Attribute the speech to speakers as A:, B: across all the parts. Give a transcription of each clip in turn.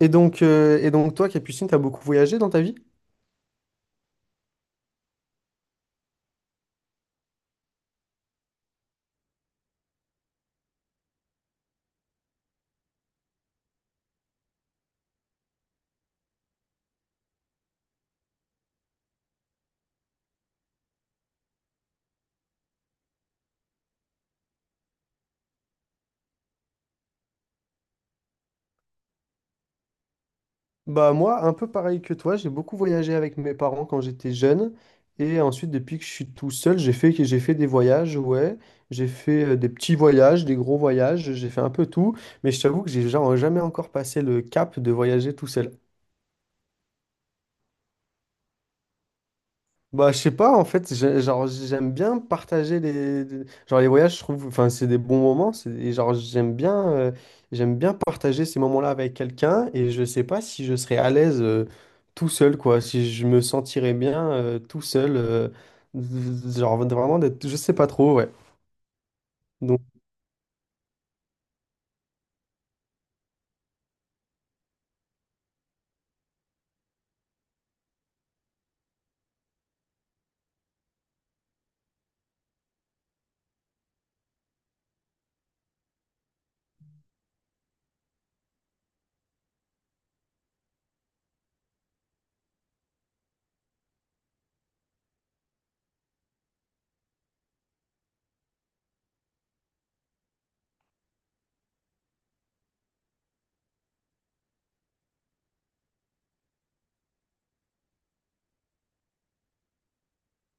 A: Et donc toi, Capucine, t'as beaucoup voyagé dans ta vie? Bah moi, un peu pareil que toi, j'ai beaucoup voyagé avec mes parents quand j'étais jeune. Et ensuite, depuis que je suis tout seul, j'ai fait des voyages, ouais. J'ai fait des petits voyages, des gros voyages, j'ai fait un peu tout. Mais je t'avoue que j'ai jamais encore passé le cap de voyager tout seul. Bah, je sais pas, en fait, genre, j'aime bien partager genre, les voyages, je trouve, enfin, c'est des bons moments, et genre, j'aime bien partager ces moments-là avec quelqu'un, et je sais pas si je serais à l'aise tout seul, quoi, si je me sentirais bien tout seul, genre, vraiment d'être, je sais pas trop, ouais. Donc,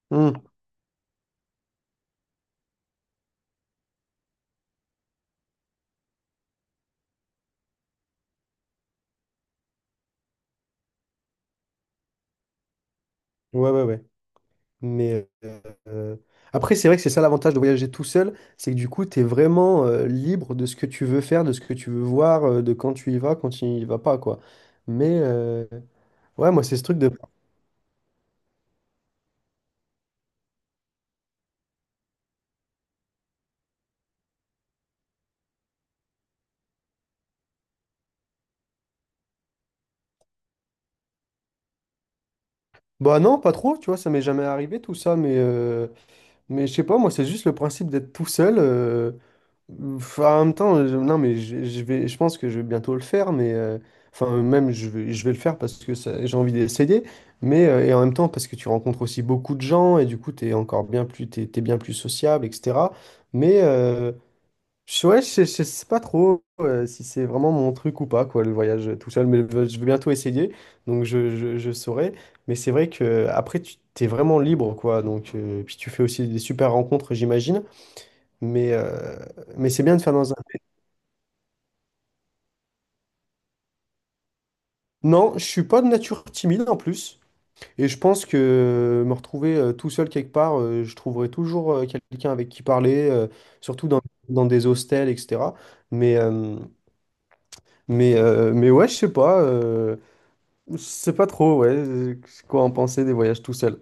A: hmm, ouais, ouais, ouais. Mais euh, après, c'est vrai que c'est ça l'avantage de voyager tout seul, c'est que du coup, tu es vraiment libre de ce que tu veux faire, de ce que tu veux voir, de quand tu y vas, quand tu y vas pas, quoi. Mais ouais, moi, c'est ce truc de. Bah non, pas trop, tu vois, ça m'est jamais arrivé tout ça, mais je sais pas, moi, c'est juste le principe d'être tout seul. Ouf, en même temps, non, mais je pense que je vais bientôt le faire, mais enfin, même je vais le faire parce que j'ai envie d'essayer, mais et en même temps parce que tu rencontres aussi beaucoup de gens et du coup, tu es encore bien plus, t'es bien plus sociable, etc. Mais ouais, je sais pas trop si c'est vraiment mon truc ou pas, quoi, le voyage tout seul, mais je vais bientôt essayer, donc je saurai. Mais c'est vrai que après, tu t'es vraiment libre, quoi, donc puis tu fais aussi des super rencontres, j'imagine, mais. euh, mais c'est bien de faire dans un. Non, je suis pas de nature timide en plus. Et je pense que me retrouver tout seul quelque part, je trouverai toujours quelqu'un avec qui parler, surtout dans des hostels, etc. Mais, euh, mais ouais, je sais pas. Je sais pas trop, ouais, quoi en penser des voyages tout seul.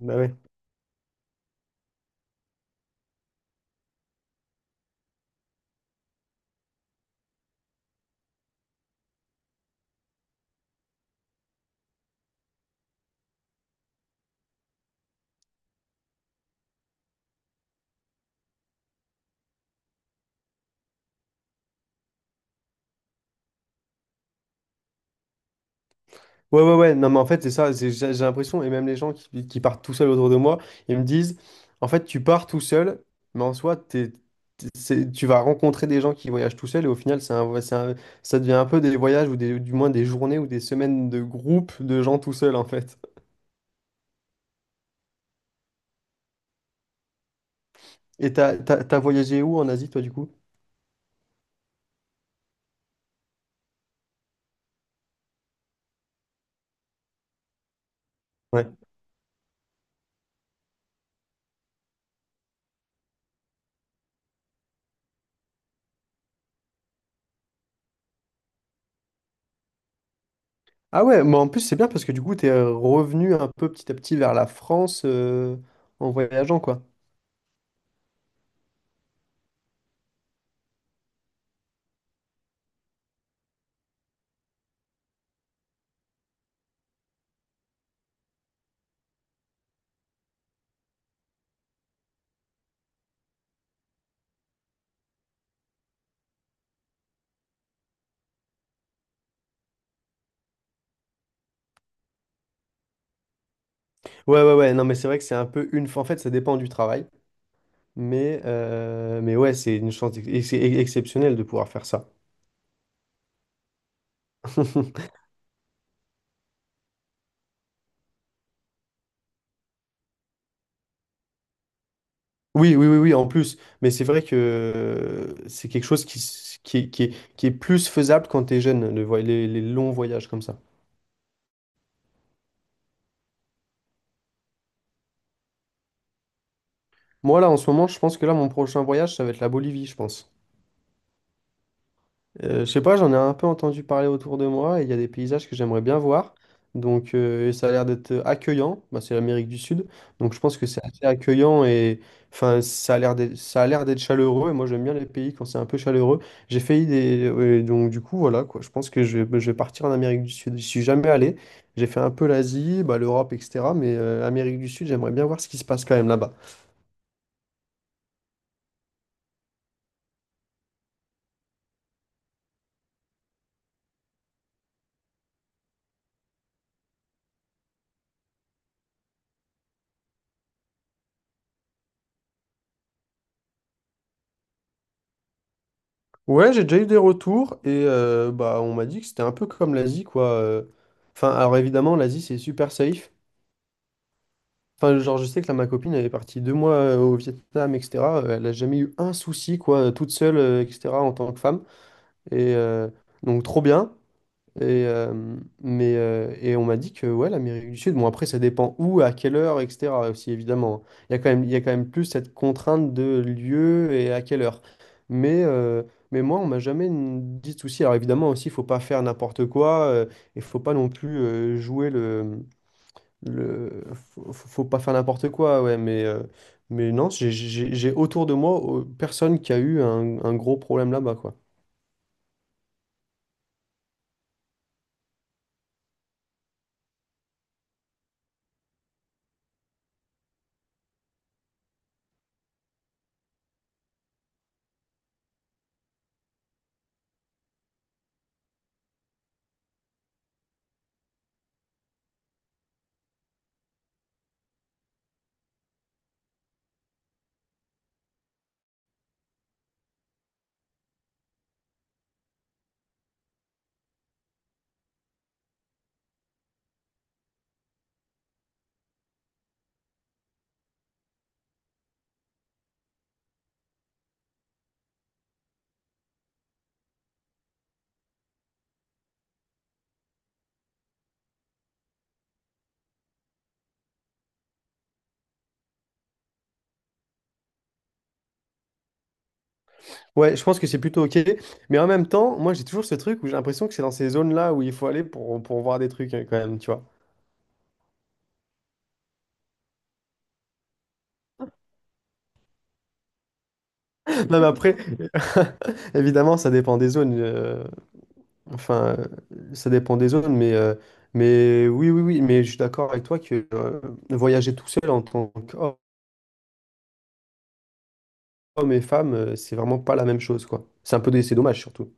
A: Bah ouais. Ouais, ouais, ouais, non, mais en fait, c'est ça, j'ai l'impression, et même les gens qui partent tout seuls autour de moi, ils me disent, en fait, tu pars tout seul, mais en soi, tu vas rencontrer des gens qui voyagent tout seuls, et au final, c'est un, vo- c'est un- ça devient un peu des voyages, ou des, du moins des journées ou des semaines de groupe de gens tout seuls, en fait. Et t'as voyagé où en Asie, toi, du coup? Ouais. Ah ouais, mais en plus, c'est bien parce que du coup, t'es revenu un peu petit à petit vers la France, en voyageant, quoi. Ouais, ouais, ouais, non, mais c'est vrai que c'est un peu une. En fait, ça dépend du travail. Mais ouais, c'est une chance exceptionnelle de pouvoir faire ça. Oui, oui, oui, oui, en plus. Mais c'est vrai que c'est quelque chose qui, s- qui, est- qui est, qui est plus faisable quand t'es jeune, les longs voyages comme ça. Moi, là, en ce moment, je pense que là, mon prochain voyage, ça va être la Bolivie, je pense. Je sais pas, j'en ai un peu entendu parler autour de moi et il y a des paysages que j'aimerais bien voir. Donc et ça a l'air d'être accueillant. Bah, c'est l'Amérique du Sud, donc je pense que c'est assez accueillant et enfin ça a l'air d'être chaleureux. Et moi j'aime bien les pays quand c'est un peu chaleureux. J'ai failli des ouais, donc du coup voilà quoi. Je pense que je vais partir en Amérique du Sud. Je suis jamais allé. J'ai fait un peu l'Asie, bah, l'Europe, etc. Mais Amérique du Sud, j'aimerais bien voir ce qui se passe quand même là-bas. Ouais, j'ai déjà eu des retours et bah on m'a dit que c'était un peu comme l'Asie quoi. Enfin, alors évidemment l'Asie c'est super safe. Enfin, genre je sais que là ma copine elle est partie 2 mois au Vietnam etc. Elle a jamais eu un souci quoi, toute seule etc. en tant que femme et donc trop bien. Et, mais, et on m'a dit que ouais, l'Amérique du Sud, bon après ça dépend où, à quelle heure, etc. aussi évidemment. Il y a quand même, il y a quand même plus cette contrainte de lieu et à quelle heure. Mais, euh, mais moi, on m'a jamais dit de souci. Alors évidemment aussi, il faut pas faire n'importe quoi. Et faut pas non plus jouer le, le. Faut pas faire n'importe quoi, ouais. Mais non, j'ai autour de moi personne qui a eu un gros problème là-bas, quoi. Ouais, je pense que c'est plutôt OK. Mais en même temps, moi, j'ai toujours ce truc où j'ai l'impression que c'est dans ces zones-là où il faut aller pour voir des trucs, hein, quand même, tu vois. Non, mais après, évidemment, ça dépend des zones. Enfin, ça dépend des zones, mais oui, oui, oui. Mais je suis d'accord avec toi que voyager tout seul en tant qu'homme et femme, c'est vraiment pas la même chose, quoi. C'est un peu, c'est dommage, surtout.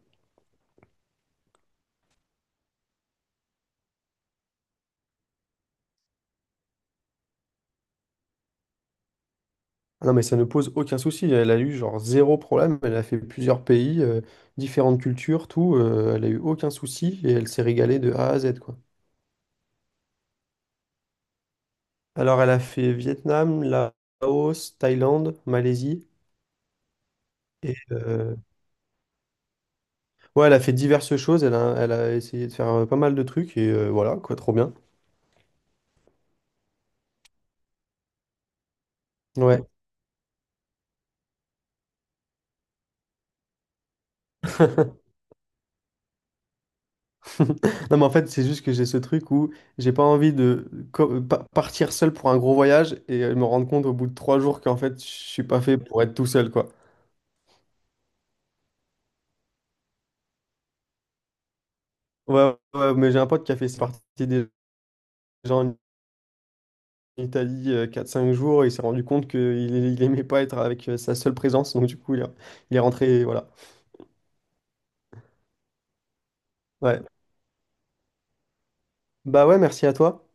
A: Ah, non, mais ça ne pose aucun souci. Elle a eu genre zéro problème. Elle a fait plusieurs pays, différentes cultures, tout. Elle a eu aucun souci et elle s'est régalée de A à Z, quoi. Alors, elle a fait Vietnam, Laos, Thaïlande, Malaisie. Et ouais, elle a fait diverses choses. Elle a essayé de faire pas mal de trucs et voilà, quoi, trop bien. Ouais. Non, mais en fait, c'est juste que j'ai ce truc où j'ai pas envie de partir seul pour un gros voyage et me rendre compte au bout de 3 jours qu'en fait, je suis pas fait pour être tout seul, quoi. Ouais, ouais, mais j'ai un pote qui a fait partie des gens en Italie 4-5 jours et il s'est rendu compte qu'il il aimait pas être avec sa seule présence, donc du coup il est rentré, voilà. Ouais. Bah ouais, merci à toi.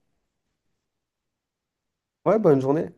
A: Ouais, bonne journée.